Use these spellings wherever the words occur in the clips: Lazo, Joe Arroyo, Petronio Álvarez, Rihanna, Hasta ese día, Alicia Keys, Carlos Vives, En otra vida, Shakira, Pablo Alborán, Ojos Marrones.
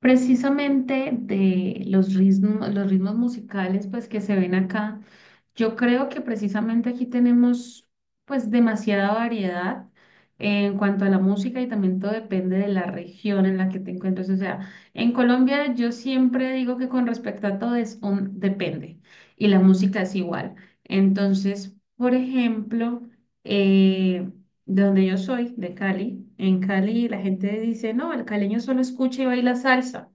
Precisamente de los ritmos musicales pues que se ven acá, yo creo que precisamente aquí tenemos pues demasiada variedad en cuanto a la música y también todo depende de la región en la que te encuentres. O sea, en Colombia yo siempre digo que con respecto a todo es un depende y la música es igual. Entonces, por ejemplo, eh, de donde yo soy, de Cali. En Cali la gente dice, no, el caleño solo escucha y baila salsa,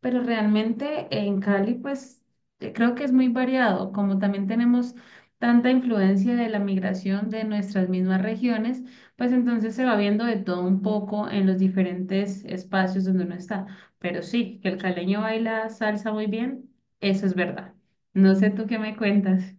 pero realmente en Cali pues creo que es muy variado, como también tenemos tanta influencia de la migración de nuestras mismas regiones, pues entonces se va viendo de todo un poco en los diferentes espacios donde uno está. Pero sí, que el caleño baila salsa muy bien, eso es verdad. No sé tú qué me cuentas.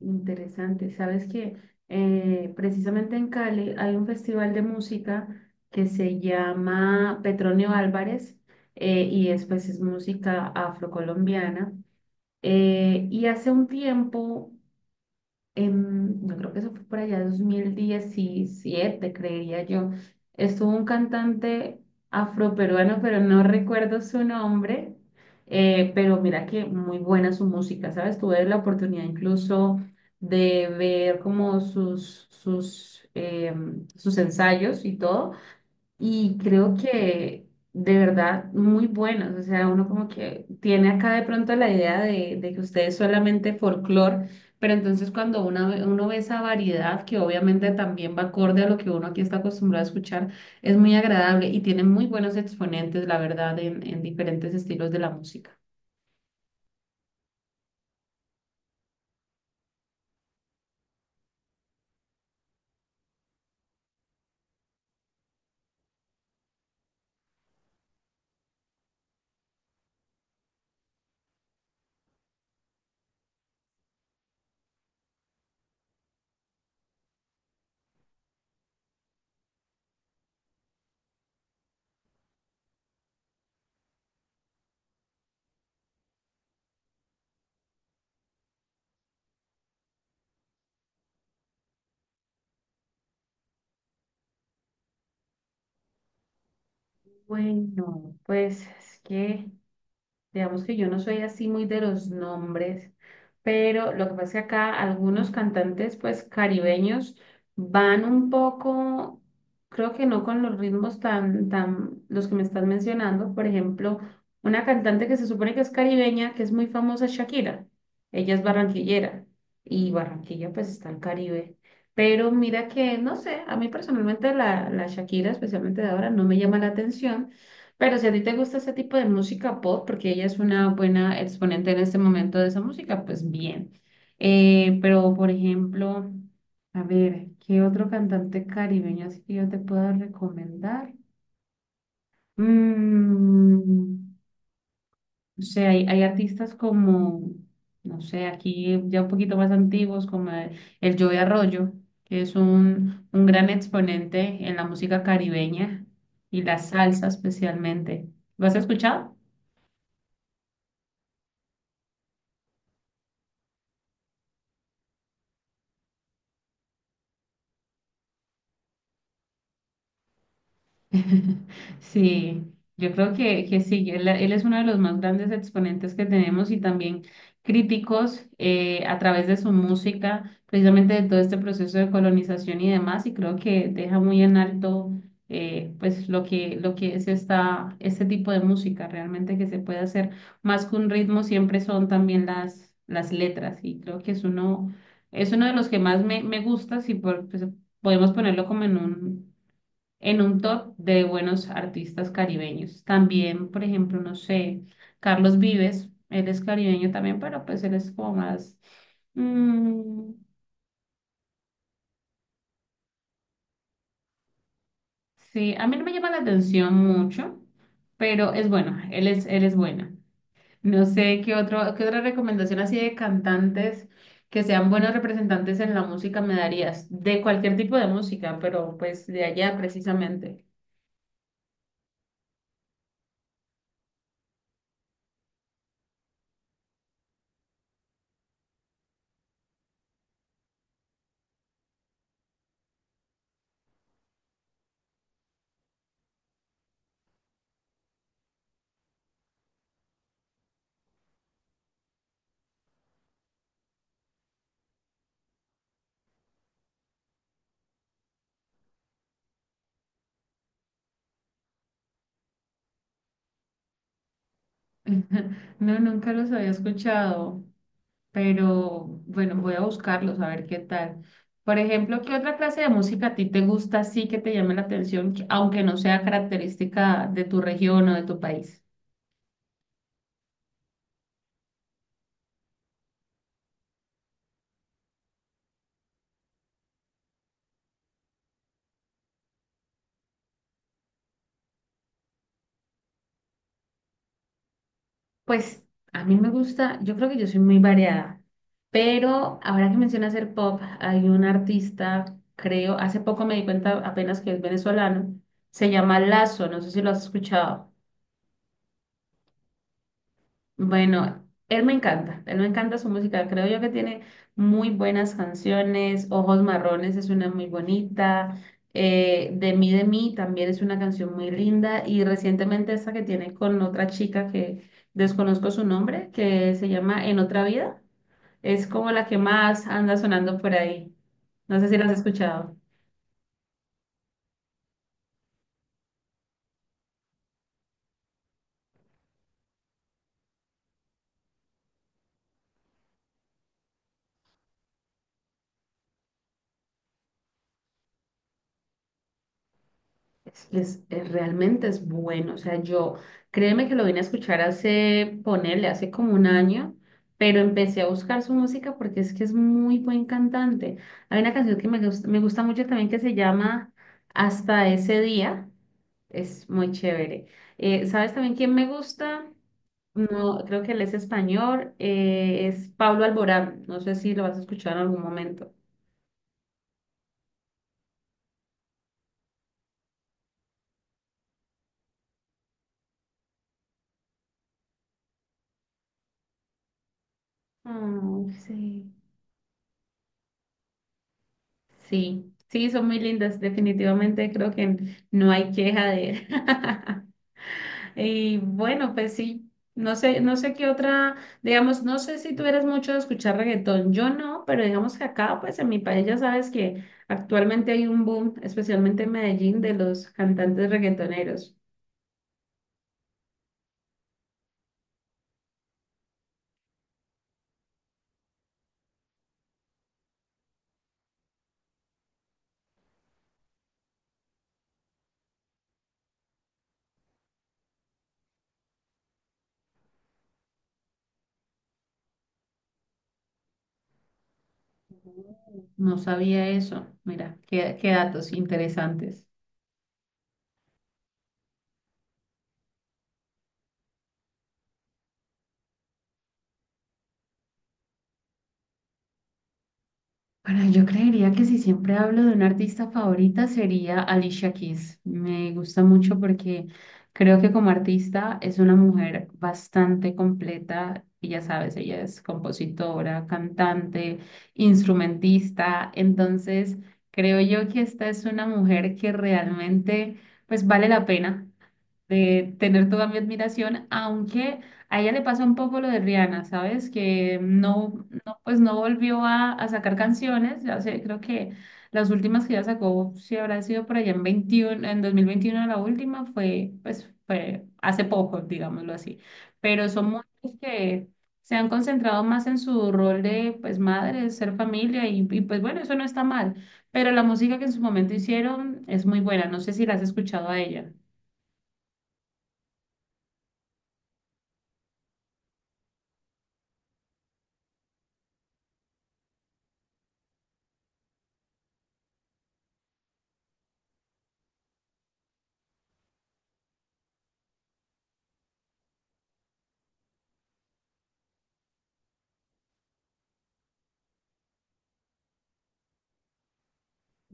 Interesante. Sabes que precisamente en Cali hay un festival de música que se llama Petronio Álvarez, y es pues es música afrocolombiana. Y hace un tiempo yo creo que eso fue por allá 2017, creería yo. Estuvo un cantante afroperuano, pero no recuerdo su nombre, pero mira que muy buena su música, ¿sabes? Tuve la oportunidad incluso de ver como sus sus ensayos y todo, y creo que de verdad muy buenos. O sea, uno como que tiene acá de pronto la idea de que ustedes solamente folclore, pero entonces cuando uno ve esa variedad, que obviamente también va acorde a lo que uno aquí está acostumbrado a escuchar, es muy agradable y tiene muy buenos exponentes, la verdad, en diferentes estilos de la música. Bueno, pues es que... Digamos que yo no soy así muy de los nombres, pero lo que pasa es que acá algunos cantantes, pues caribeños, van un poco, creo que no con los ritmos tan, los que me estás mencionando. Por ejemplo, una cantante que se supone que es caribeña, que es muy famosa, Shakira. Ella es barranquillera y Barranquilla, pues está el Caribe. Pero mira que, no sé, a mí personalmente la Shakira, especialmente de ahora, no me llama la atención. Pero si a ti te gusta ese tipo de música pop, porque ella es una buena exponente en este momento de esa música, pues bien. Pero, por ejemplo, a ver, ¿qué otro cantante caribeño así que yo te puedo recomendar? Mm, o sea, hay artistas como, no sé, aquí ya un poquito más antiguos, como el Joe Arroyo, que es un gran exponente en la música caribeña y la salsa especialmente. ¿Lo has escuchado? Sí, yo creo que sí, él es uno de los más grandes exponentes que tenemos y también críticos, a través de su música, precisamente de todo este proceso de colonización y demás, y creo que deja muy en alto, pues lo que es este tipo de música realmente que se puede hacer. Más que un ritmo, siempre son también las letras, y creo que es uno de los que más me gusta, si por, pues, podemos ponerlo como en un top de buenos artistas caribeños. También, por ejemplo, no sé, Carlos Vives, él es caribeño también, pero pues él es como más... mm, sí, a mí no me llama la atención mucho, pero es bueno, él es bueno. No sé qué otro, qué otra recomendación así de cantantes que sean buenos representantes en la música me darías, de cualquier tipo de música, pero pues de allá precisamente. No, nunca los había escuchado. Pero bueno, voy a buscarlos a ver qué tal. Por ejemplo, ¿qué otra clase de música a ti te gusta, sí que te llame la atención, que- aunque no sea característica de tu región o de tu país? Pues a mí me gusta, yo creo que yo soy muy variada, pero ahora que mencionas el pop, hay un artista, creo, hace poco me di cuenta apenas que es venezolano, se llama Lazo, no sé si lo has escuchado. Bueno, él me encanta su música, creo yo que tiene muy buenas canciones, Ojos Marrones es una muy bonita, de mí también es una canción muy linda y recientemente esta que tiene con otra chica que desconozco su nombre, que se llama En otra vida, es como la que más anda sonando por ahí, no sé si la has escuchado. Realmente es bueno. O sea, yo, créeme que lo vine a escuchar hace, ponerle, hace como un año, pero empecé a buscar su música porque es que es muy buen cantante. Hay una canción que me gusta mucho también que se llama Hasta ese día. Es muy chévere. ¿Sabes también quién me gusta? No, creo que él es español. Es Pablo Alborán. No sé si lo vas a escuchar en algún momento. Ay, sí. Sí, sí, son muy lindas, definitivamente creo que no hay queja de él. Y bueno, pues sí, no sé, no sé qué otra, digamos, no sé si tú eres mucho de escuchar reggaetón, yo no, pero digamos que acá, pues en mi país ya sabes que actualmente hay un boom, especialmente en Medellín, de los cantantes reggaetoneros. No sabía eso, mira, qué datos interesantes. Bueno, yo creería que si siempre hablo de una artista favorita sería Alicia Keys. Me gusta mucho porque creo que como artista es una mujer bastante completa y ya sabes, ella es compositora, cantante, instrumentista. Entonces, creo yo que esta es una mujer que realmente pues vale la pena de tener toda mi admiración, aunque a ella le pasa un poco lo de Rihanna, ¿sabes? Que no pues no volvió a sacar canciones, ya sé, creo que las últimas que ya sacó, si habrá sido por allá en 21, en 2021 la última fue, pues fue hace poco, digámoslo así, pero son muchas que se han concentrado más en su rol de, pues, madre, ser familia y pues bueno, eso no está mal, pero la música que en su momento hicieron es muy buena, no sé si la has escuchado a ella.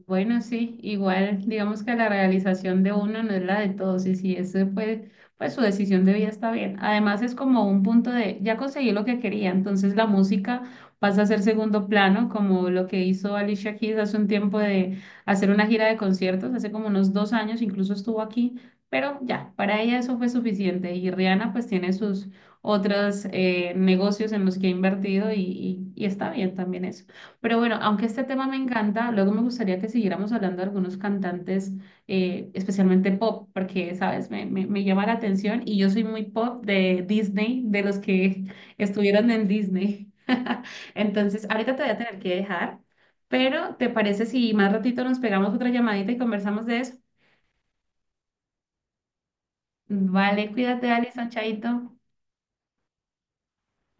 Bueno, sí, igual digamos que la realización de uno no es la de todos y si ese fue, pues su decisión de vida está bien. Además es como un punto de, ya conseguí lo que quería, entonces la música pasa a ser segundo plano, como lo que hizo Alicia Keys hace un tiempo de hacer una gira de conciertos, hace como unos 2 años, incluso estuvo aquí, pero ya, para ella eso fue suficiente y Rihanna pues tiene sus otros, negocios en los que ha invertido y está bien también eso. Pero bueno, aunque este tema me encanta, luego me gustaría que siguiéramos hablando de algunos cantantes, especialmente pop, porque, sabes, me llama la atención y yo soy muy pop de Disney, de los que estuvieron en Disney. Entonces, ahorita te voy a tener que dejar, pero ¿te parece si más ratito nos pegamos otra llamadita y conversamos de eso? Vale, cuídate, Alison, chaito.